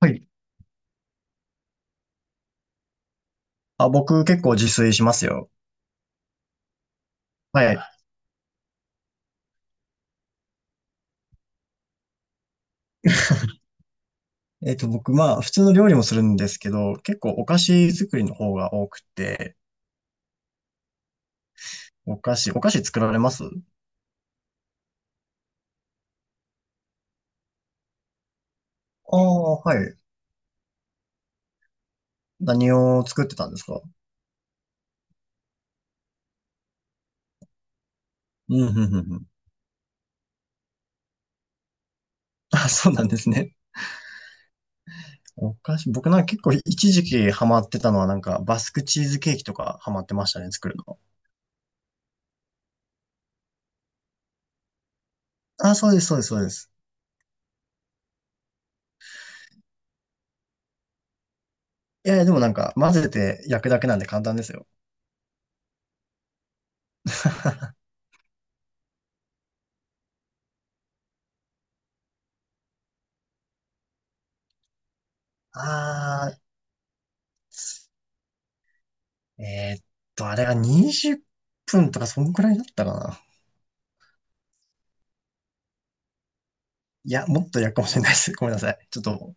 はい。あ、僕結構自炊しますよ。はい。僕、普通の料理もするんですけど、結構お菓子作りの方が多くて、お菓子、お菓子作られます？ああ、はい。何を作ってたんですか？うん、うん、うん。うん。 あ、そうなんですね。お菓子、僕なんか結構一時期ハマってたのはなんかバスクチーズケーキとかハマってましたね、作るの。あ、そうです、そうです、そうです。いやいや、でもなんか混ぜて焼くだけなんで簡単ですよ。ああ、えーっあれが20分とかそんくらいだったかな。いや、もっとやるかもしれないです。ごめんなさい。ちょっと、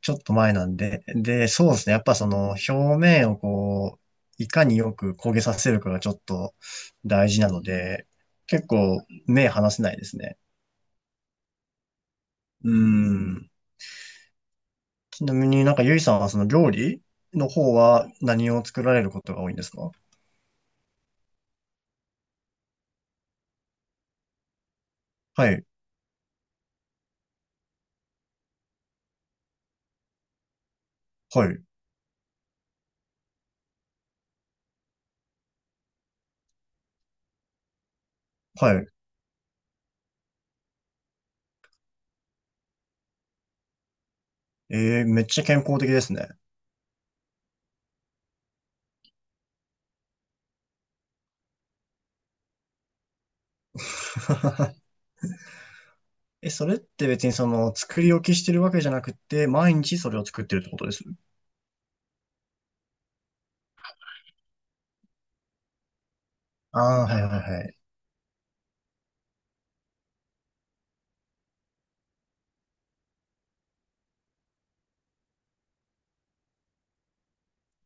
ちょっと前なんで。で、そうですね。やっぱその表面をこう、いかによく焦げさせるかがちょっと大事なので、結構目離せないですね。うん。ちなみになんかゆいさんはその料理の方は何を作られることが多いんですか？はい、はい、はい。えー、めっちゃ健康的ですね。え、それって別にその作り置きしてるわけじゃなくて、毎日それを作ってるってことです？ああー、はいはいはい。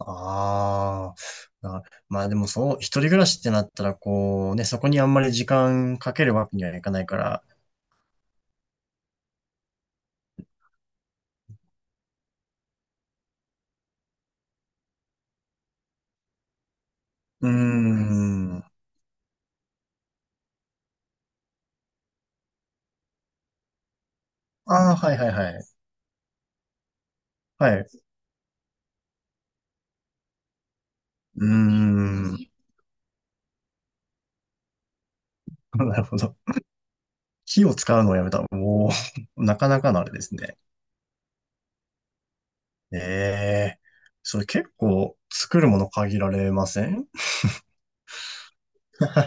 ああ、なまあでもそう、一人暮らしってなったらこうね、そこにあんまり時間かけるわけにはいかないから。うーん。ああ、はいはいはい。はい。うーん。なるほど。火を使うのをやめた。おお、なかなかのあれですね。ええ、それ結構作るもの限られません？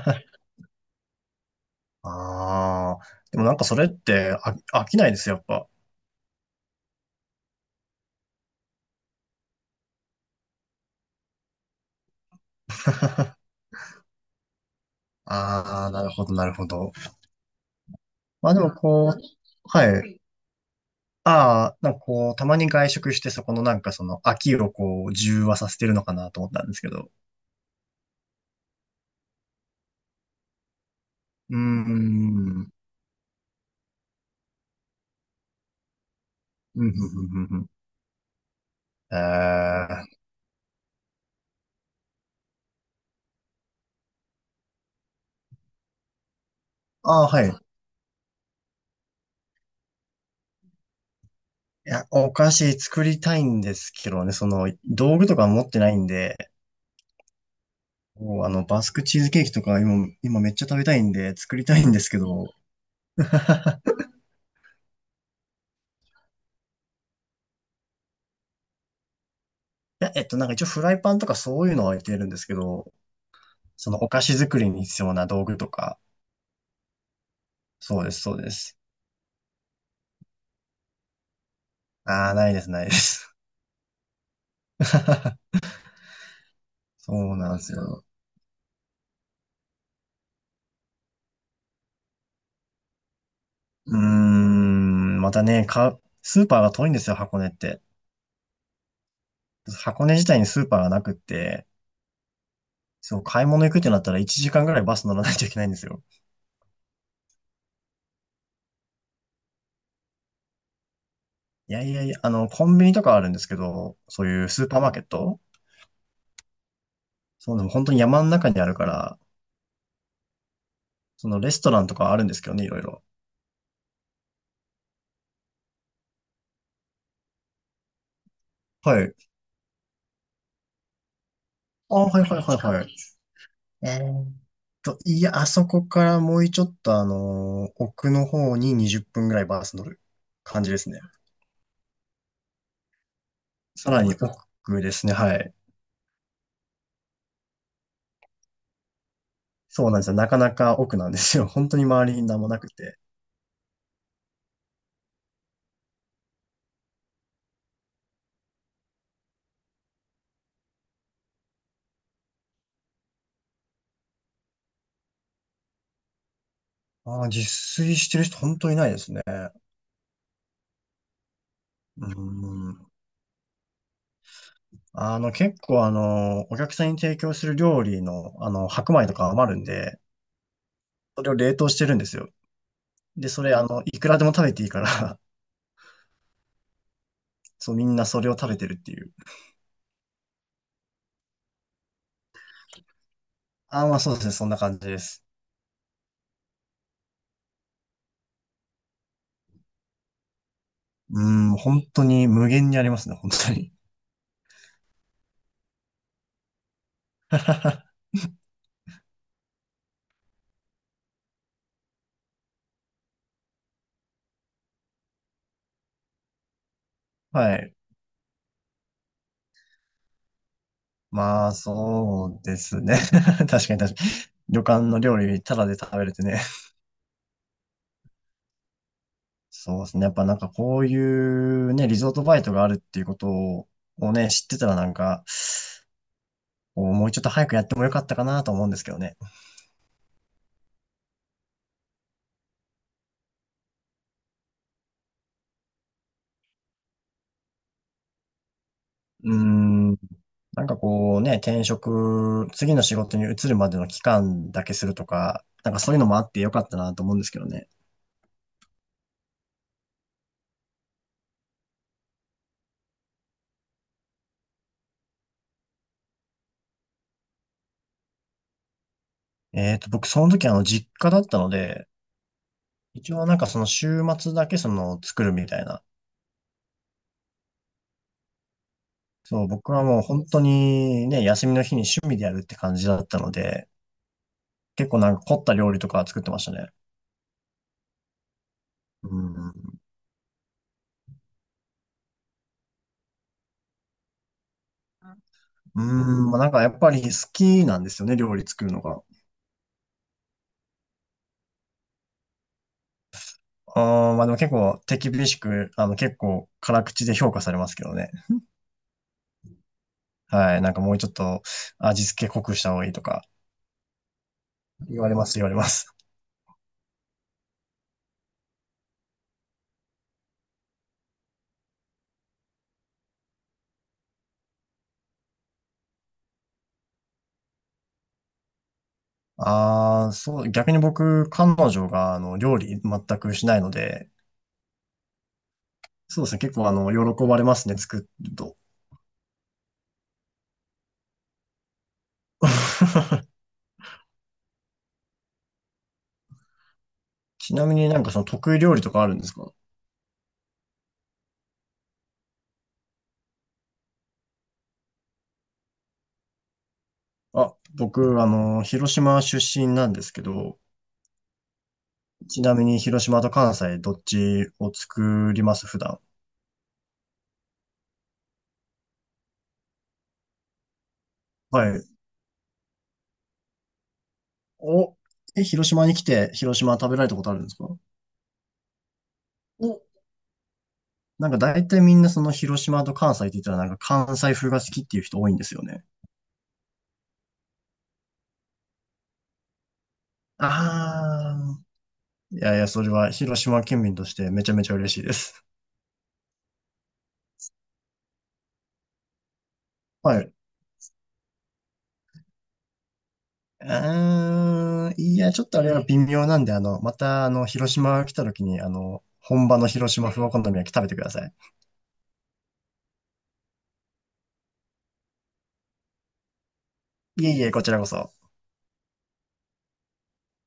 ああ、でもなんかそれって飽きないです、やっぱ。ああ、なるほど、なるほど。まあでもこう、はい。ああ、なんかこう、たまに外食してそこのなんかその飽きをこう、中和させてるのかなと思ったんですけど。うーん。うん、うん、うん、うん。えー、ああ、はい。いや、お菓子作りたいんですけどね、その、道具とか持ってないんで、こうあの、バスクチーズケーキとか今、今めっちゃ食べたいんで、作りたいんですけど。いや、なんか一応フライパンとかそういうのは置いてるんですけど、そのお菓子作りに必要な道具とか、そうです、そうです。ああ、ないです、ないです。そうなんですよ。うーん、またね、か、スーパーが遠いんですよ、箱根って。箱根自体にスーパーがなくって、そう、買い物行くってなったら1時間ぐらいバス乗らないといけないんですよ。いやいやいや、あの、コンビニとかあるんですけど、そういうスーパーマーケット。そう、でも本当に山の中にあるから、そのレストランとかあるんですけどね、いろいろ。はい。あ、はいはいはいはい。えーっいや、あそこからもうちょっと奥の方に20分ぐらいバス乗る感じですね。さらに奥ですね。はい。そうなんですよ。なかなか奥なんですよ。本当に周りに何もなくて。ああ、自炊してる人本当にいないですね。うん。あの、結構あのお客さんに提供する料理の、あの、白米とか余るんで、それを冷凍してるんですよ。で、それあの、いくらでも食べていいから。 そう、みんなそれを食べてるっていう。ああ、まあそうですね。そんな感じです。うん、本当に無限にありますね、本当に。はい。まあ、そうですね。確かに確かに。旅館の料理、タダで食べれてね。そうですね。やっぱなんかこういうね、リゾートバイトがあるっていうことをね、知ってたらなんか、こうもうちょっと早くやってもよかったかなと思うんですけどね。うーん。なんかこうね、転職、次の仕事に移るまでの期間だけするとか、なんかそういうのもあってよかったなと思うんですけどね。僕その時あの実家だったので、一応なんかその週末だけその作るみたいな。そう、僕はもう本当にね、休みの日に趣味でやるって感じだったので、結構なんか凝った料理とか作ってましたね。うん。うん、まあ、なんかやっぱり好きなんですよね、料理作るのが。あー、まあでも結構手厳しく、あの結構辛口で評価されますけどね。はい。なんかもうちょっと味付け濃くした方がいいとか言われます、言われます。ああ、そう、逆に僕、彼女があの料理全くしないので、そうですね。結構あの、喜ばれますね、作ると。ちなみになんかその得意料理とかあるんですか？あ、僕、あの、広島出身なんですけど、ちなみに広島と関西どっちを作ります？普段。はい。お、え、広島に来て広島食べられたことあるんですか？お、なんか大体みんなその広島と関西って言ったらなんか関西風が好きっていう人多いんですよね。ああ、いやいや、それは広島県民としてめちゃめちゃ嬉しいです。はい。あー、いや、ちょっとあれは微妙なんで、あの、また、あの、広島来た時に、あの、本場の広島風お好み焼き食べてください。いえいえ、こちらこそ。